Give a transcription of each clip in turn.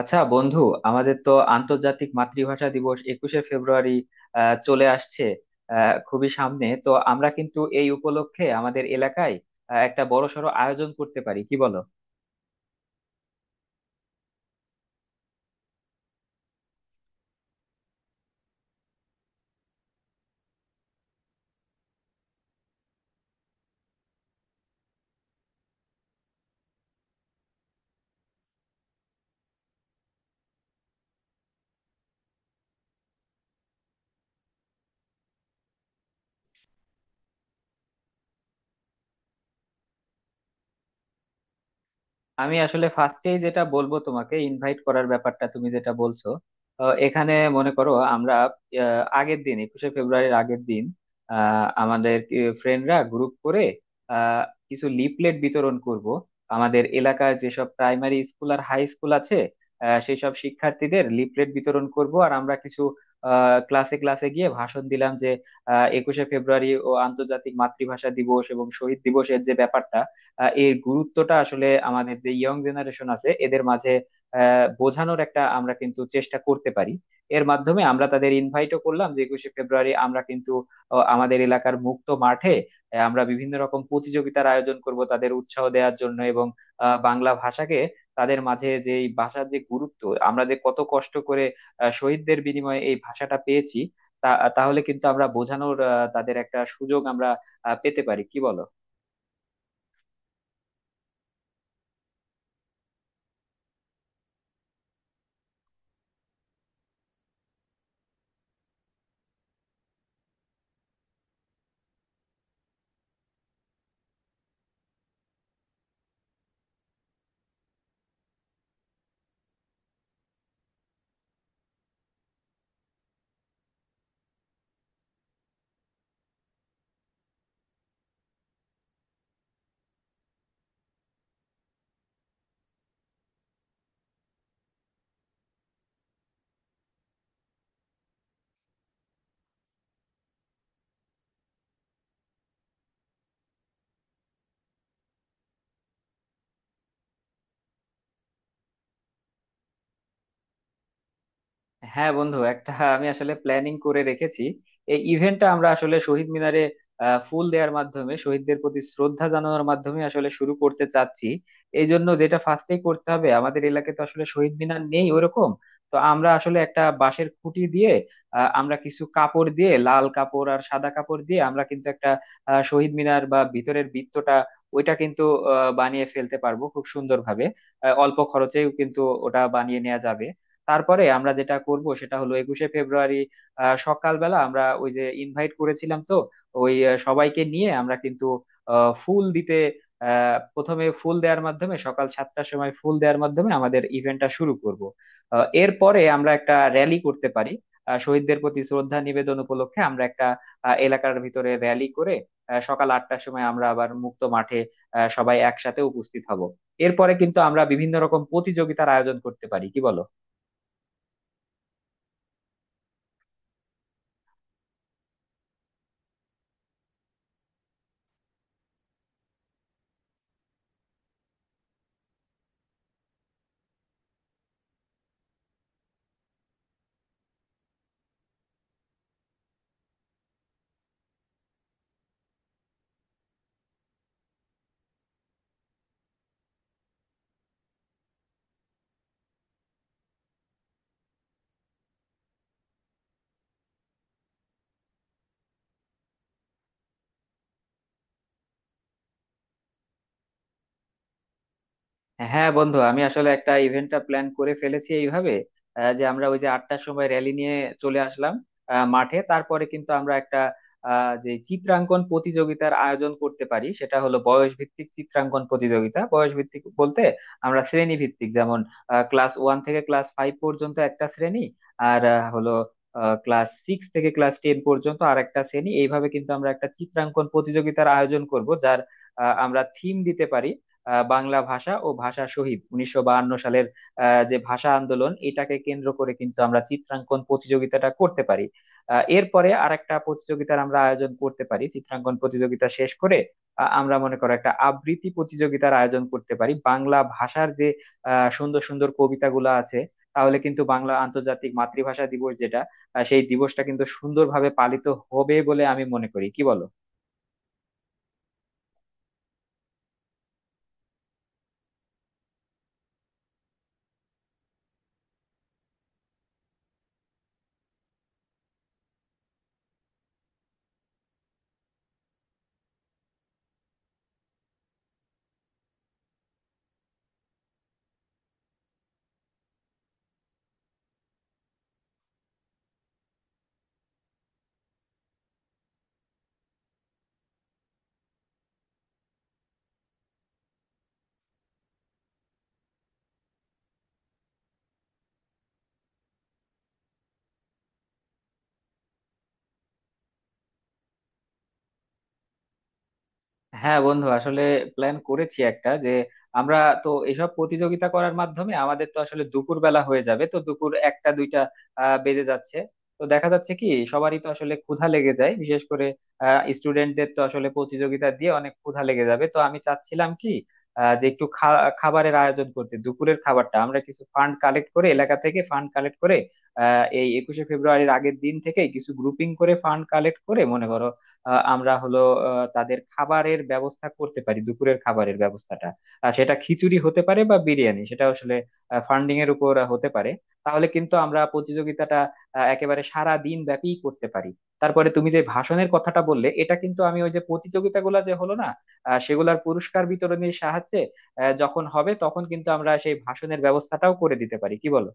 আচ্ছা বন্ধু, আমাদের তো আন্তর্জাতিক মাতৃভাষা দিবস একুশে ফেব্রুয়ারি চলে আসছে, খুবই সামনে। তো আমরা কিন্তু এই উপলক্ষে আমাদের এলাকায় একটা বড়সড় আয়োজন করতে পারি, কি বলো? আমি আসলে ফার্স্টেই যেটা বলবো, তোমাকে ইনভাইট করার ব্যাপারটা তুমি যেটা বলছো, এখানে মনে করো আমরা আগের দিন, একুশে ফেব্রুয়ারির আগের দিন, আমাদের ফ্রেন্ডরা গ্রুপ করে আহ, কিছু লিফলেট বিতরণ করব। আমাদের এলাকার যেসব প্রাইমারি স্কুল আর হাই স্কুল আছে, সেই সব শিক্ষার্থীদের লিফলেট বিতরণ করব আর আমরা কিছু ক্লাসে ক্লাসে গিয়ে ভাষণ দিলাম যে একুশে ফেব্রুয়ারি ও আন্তর্জাতিক মাতৃভাষা দিবস এবং শহীদ দিবসের যে ব্যাপারটা, এর গুরুত্বটা আসলে আমাদের যে ইয়ং জেনারেশন আছে এদের মাঝে বোঝানোর একটা আমরা কিন্তু চেষ্টা করতে পারি। এর মাধ্যমে আমরা তাদের ইনভাইটও করলাম যে একুশে ফেব্রুয়ারি আমরা কিন্তু আমাদের এলাকার মুক্ত মাঠে আমরা বিভিন্ন রকম প্রতিযোগিতার আয়োজন করব তাদের উৎসাহ দেওয়ার জন্য, এবং বাংলা ভাষাকে তাদের মাঝে, যে এই ভাষার যে গুরুত্ব, আমরা যে কত কষ্ট করে শহীদদের বিনিময়ে এই ভাষাটা পেয়েছি তা, তাহলে কিন্তু আমরা বোঝানোর তাদের একটা সুযোগ আমরা পেতে পারি, কি বলো? হ্যাঁ বন্ধু, একটা আমি আসলে প্ল্যানিং করে রেখেছি। এই ইভেন্টটা আমরা আসলে শহীদ মিনারে ফুল দেওয়ার মাধ্যমে, শহীদদের প্রতি শ্রদ্ধা জানানোর মাধ্যমে আসলে শুরু করতে চাচ্ছি। এই জন্য যেটা ফার্স্টে করতে হবে, আমাদের এলাকায় তো আসলে শহীদ মিনার নেই ওরকম, তো আমরা আসলে একটা বাঁশের খুঁটি দিয়ে আমরা কিছু কাপড় দিয়ে, লাল কাপড় আর সাদা কাপড় দিয়ে আমরা কিন্তু একটা শহীদ মিনার বা ভিতরের বৃত্তটা ওইটা কিন্তু বানিয়ে ফেলতে পারবো খুব সুন্দরভাবে। অল্প খরচেও কিন্তু ওটা বানিয়ে নেওয়া যাবে। তারপরে আমরা যেটা করব সেটা হলো একুশে ফেব্রুয়ারি সকালবেলা আমরা ওই যে ইনভাইট করেছিলাম তো, ওই সবাইকে নিয়ে আমরা কিন্তু ফুল দিতে, প্রথমে ফুল দেওয়ার মাধ্যমে, সকাল 7টার সময় ফুল দেওয়ার মাধ্যমে আমাদের ইভেন্টটা শুরু করব। এরপরে আমরা একটা র্যালি করতে পারি, শহীদদের প্রতি শ্রদ্ধা নিবেদন উপলক্ষে আমরা একটা এলাকার ভিতরে র্যালি করে সকাল 8টার সময় আমরা আবার মুক্ত মাঠে সবাই একসাথে উপস্থিত হব। এরপরে কিন্তু আমরা বিভিন্ন রকম প্রতিযোগিতার আয়োজন করতে পারি, কি বলো? হ্যাঁ বন্ধু, আমি আসলে একটা ইভেন্টটা প্ল্যান করে ফেলেছি এইভাবে, যে আমরা ওই যে 8টার সময় র্যালি নিয়ে চলে আসলাম মাঠে, তারপরে কিন্তু আমরা একটা যে চিত্রাঙ্কন প্রতিযোগিতার আয়োজন করতে পারি সেটা হলো বয়স ভিত্তিক চিত্রাঙ্কন প্রতিযোগিতা। বয়স ভিত্তিক বলতে আমরা শ্রেণী ভিত্তিক, যেমন ক্লাস ওয়ান থেকে ক্লাস ফাইভ পর্যন্ত একটা শ্রেণী আর হলো ক্লাস সিক্স থেকে ক্লাস টেন পর্যন্ত আর একটা শ্রেণী। এইভাবে কিন্তু আমরা একটা চিত্রাঙ্কন প্রতিযোগিতার আয়োজন করব, যার আমরা থিম দিতে পারি বাংলা ভাষা ও ভাষা শহীদ, 1952 সালের যে ভাষা আন্দোলন, এটাকে কেন্দ্র করে কিন্তু আমরা চিত্রাঙ্কন প্রতিযোগিতাটা করতে পারি। এরপরে আরেকটা প্রতিযোগিতার আমরা আয়োজন করতে পারি চিত্রাঙ্কন প্রতিযোগিতা শেষ করে। আমরা মনে করো একটা আবৃত্তি প্রতিযোগিতার আয়োজন করতে পারি বাংলা ভাষার যে সুন্দর সুন্দর কবিতাগুলো আছে। তাহলে কিন্তু বাংলা আন্তর্জাতিক মাতৃভাষা দিবস যেটা, সেই দিবসটা কিন্তু সুন্দরভাবে পালিত হবে বলে আমি মনে করি, কি বলো? হ্যাঁ বন্ধু, আসলে প্ল্যান করেছি একটা যে আমরা তো এইসব প্রতিযোগিতা করার মাধ্যমে আমাদের তো আসলে দুপুর বেলা হয়ে যাবে, তো দুপুর 1টা 2টা বেজে যাচ্ছে। তো দেখা যাচ্ছে কি সবারই তো আসলে ক্ষুধা লেগে যায়, বিশেষ করে স্টুডেন্টদের তো আসলে প্রতিযোগিতা দিয়ে অনেক ক্ষুধা লেগে যাবে। তো আমি চাচ্ছিলাম কি যে একটু খাবারের আয়োজন করতে, দুপুরের খাবারটা আমরা কিছু ফান্ড কালেক্ট করে, এলাকা থেকে ফান্ড কালেক্ট করে এই একুশে ফেব্রুয়ারির আগের দিন থেকে কিছু গ্রুপিং করে ফান্ড কালেক্ট করে, মনে করো আমরা হলো তাদের খাবারের ব্যবস্থা করতে পারি, দুপুরের খাবারের ব্যবস্থাটা। আর সেটা খিচুড়ি হতে পারে বা বিরিয়ানি, সেটা আসলে ফান্ডিং এর উপর হতে পারে। তাহলে কিন্তু আমরা প্রতিযোগিতাটা একেবারে সারা দিন ব্যাপী করতে পারি। তারপরে তুমি যে ভাষণের কথাটা বললে, এটা কিন্তু আমি ওই যে প্রতিযোগিতাগুলো যে হলো না, সেগুলার পুরস্কার বিতরণের সাহায্যে যখন হবে তখন কিন্তু আমরা সেই ভাষণের ব্যবস্থাটাও করে দিতে পারি, কি বলো?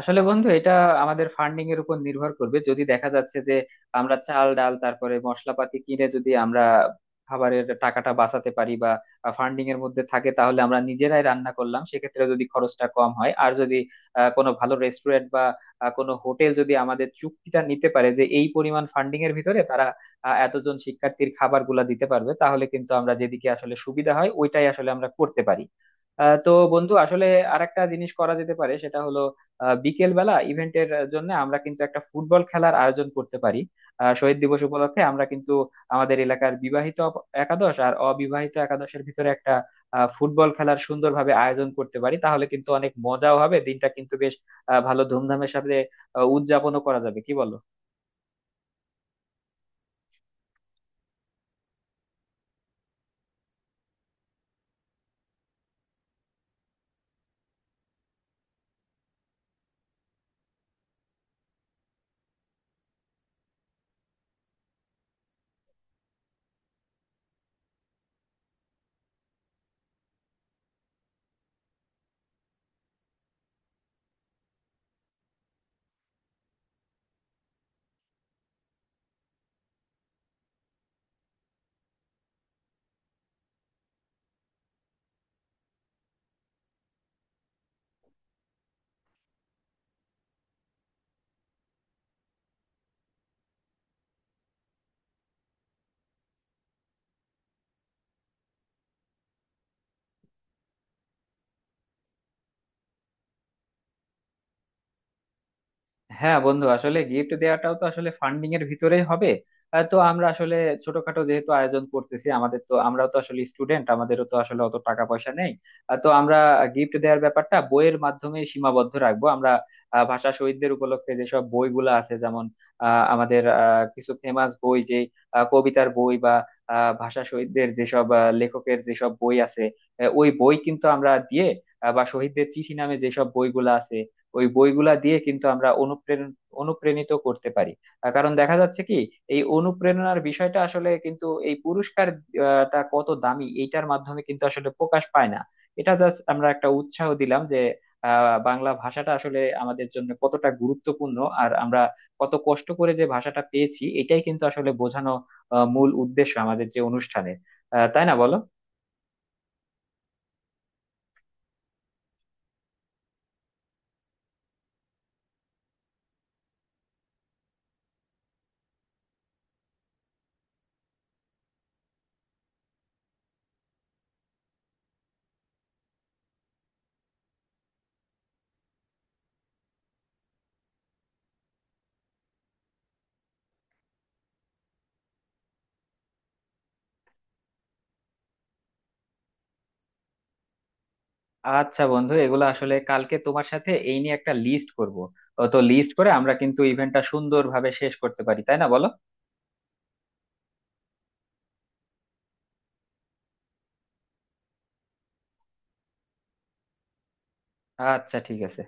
আসলে বন্ধু এটা আমাদের ফান্ডিং এর উপর নির্ভর করবে। যদি দেখা যাচ্ছে যে আমরা চাল ডাল, তারপরে মশলাপাতি কিনে যদি আমরা খাবারের টাকাটা বাঁচাতে পারি বা ফান্ডিং এর মধ্যে থাকে, তাহলে আমরা নিজেরাই রান্না করলাম, সেক্ষেত্রে যদি খরচটা কম হয়। আর যদি কোনো ভালো রেস্টুরেন্ট বা কোনো হোটেল যদি আমাদের চুক্তিটা নিতে পারে যে এই পরিমাণ ফান্ডিং এর ভিতরে তারা এতজন শিক্ষার্থীর খাবারগুলা দিতে পারবে, তাহলে কিন্তু আমরা যেদিকে আসলে সুবিধা হয় ওইটাই আসলে আমরা করতে পারি। তো বন্ধু আসলে আরেকটা জিনিস করা যেতে পারে, সেটা হলো বিকেল বেলা ইভেন্টের জন্য আমরা কিন্তু একটা ফুটবল খেলার আয়োজন করতে পারি। শহীদ দিবস উপলক্ষে আমরা কিন্তু আমাদের এলাকার বিবাহিত একাদশ আর অবিবাহিত একাদশের ভিতরে একটা ফুটবল খেলার সুন্দরভাবে আয়োজন করতে পারি। তাহলে কিন্তু অনেক মজাও হবে, দিনটা কিন্তু বেশ ভালো ধুমধামের সাথে উদযাপনও করা যাবে, কি বলো? হ্যাঁ বন্ধু, আসলে গিফট দেওয়াটাও তো আসলে ফান্ডিং এর ভিতরেই হবে। তো আমরা আসলে ছোটখাটো যেহেতু আয়োজন করতেছি আমাদের, তো আমরাও তো আসলে স্টুডেন্ট, আমাদেরও তো আসলে অত টাকা পয়সা নেই। তো আমরা গিফট দেওয়ার ব্যাপারটা বইয়ের মাধ্যমে সীমাবদ্ধ রাখবো আমরা। ভাষা শহীদদের উপলক্ষে যেসব বইগুলো আছে, যেমন কিছু ফেমাস বই, যে কবিতার বই বা ভাষা শহীদদের যেসব লেখকের যেসব বই আছে ওই বই কিন্তু আমরা দিয়ে, বা শহীদদের চিঠি নামে যেসব বইগুলো আছে ওই বইগুলা দিয়ে কিন্তু আমরা অনুপ্রাণিত করতে পারি। কারণ দেখা যাচ্ছে কি এই অনুপ্রেরণার বিষয়টা আসলে কিন্তু এই পুরস্কার টা কত দামি, এইটার মাধ্যমে কিন্তু আসলে প্রকাশ পায় না। এটা জাস্ট আমরা একটা উৎসাহ দিলাম যে বাংলা ভাষাটা আসলে আমাদের জন্য কতটা গুরুত্বপূর্ণ, আর আমরা কত কষ্ট করে যে ভাষাটা পেয়েছি, এটাই কিন্তু আসলে বোঝানো মূল উদ্দেশ্য আমাদের যে অনুষ্ঠানে, তাই না বলো? আচ্ছা বন্ধু, এগুলো আসলে কালকে তোমার সাথে এই নিয়ে একটা লিস্ট করব। তো লিস্ট করে আমরা কিন্তু ইভেন্টটা সুন্দরভাবে শেষ করতে পারি, তাই না বলো? আচ্ছা ঠিক আছে।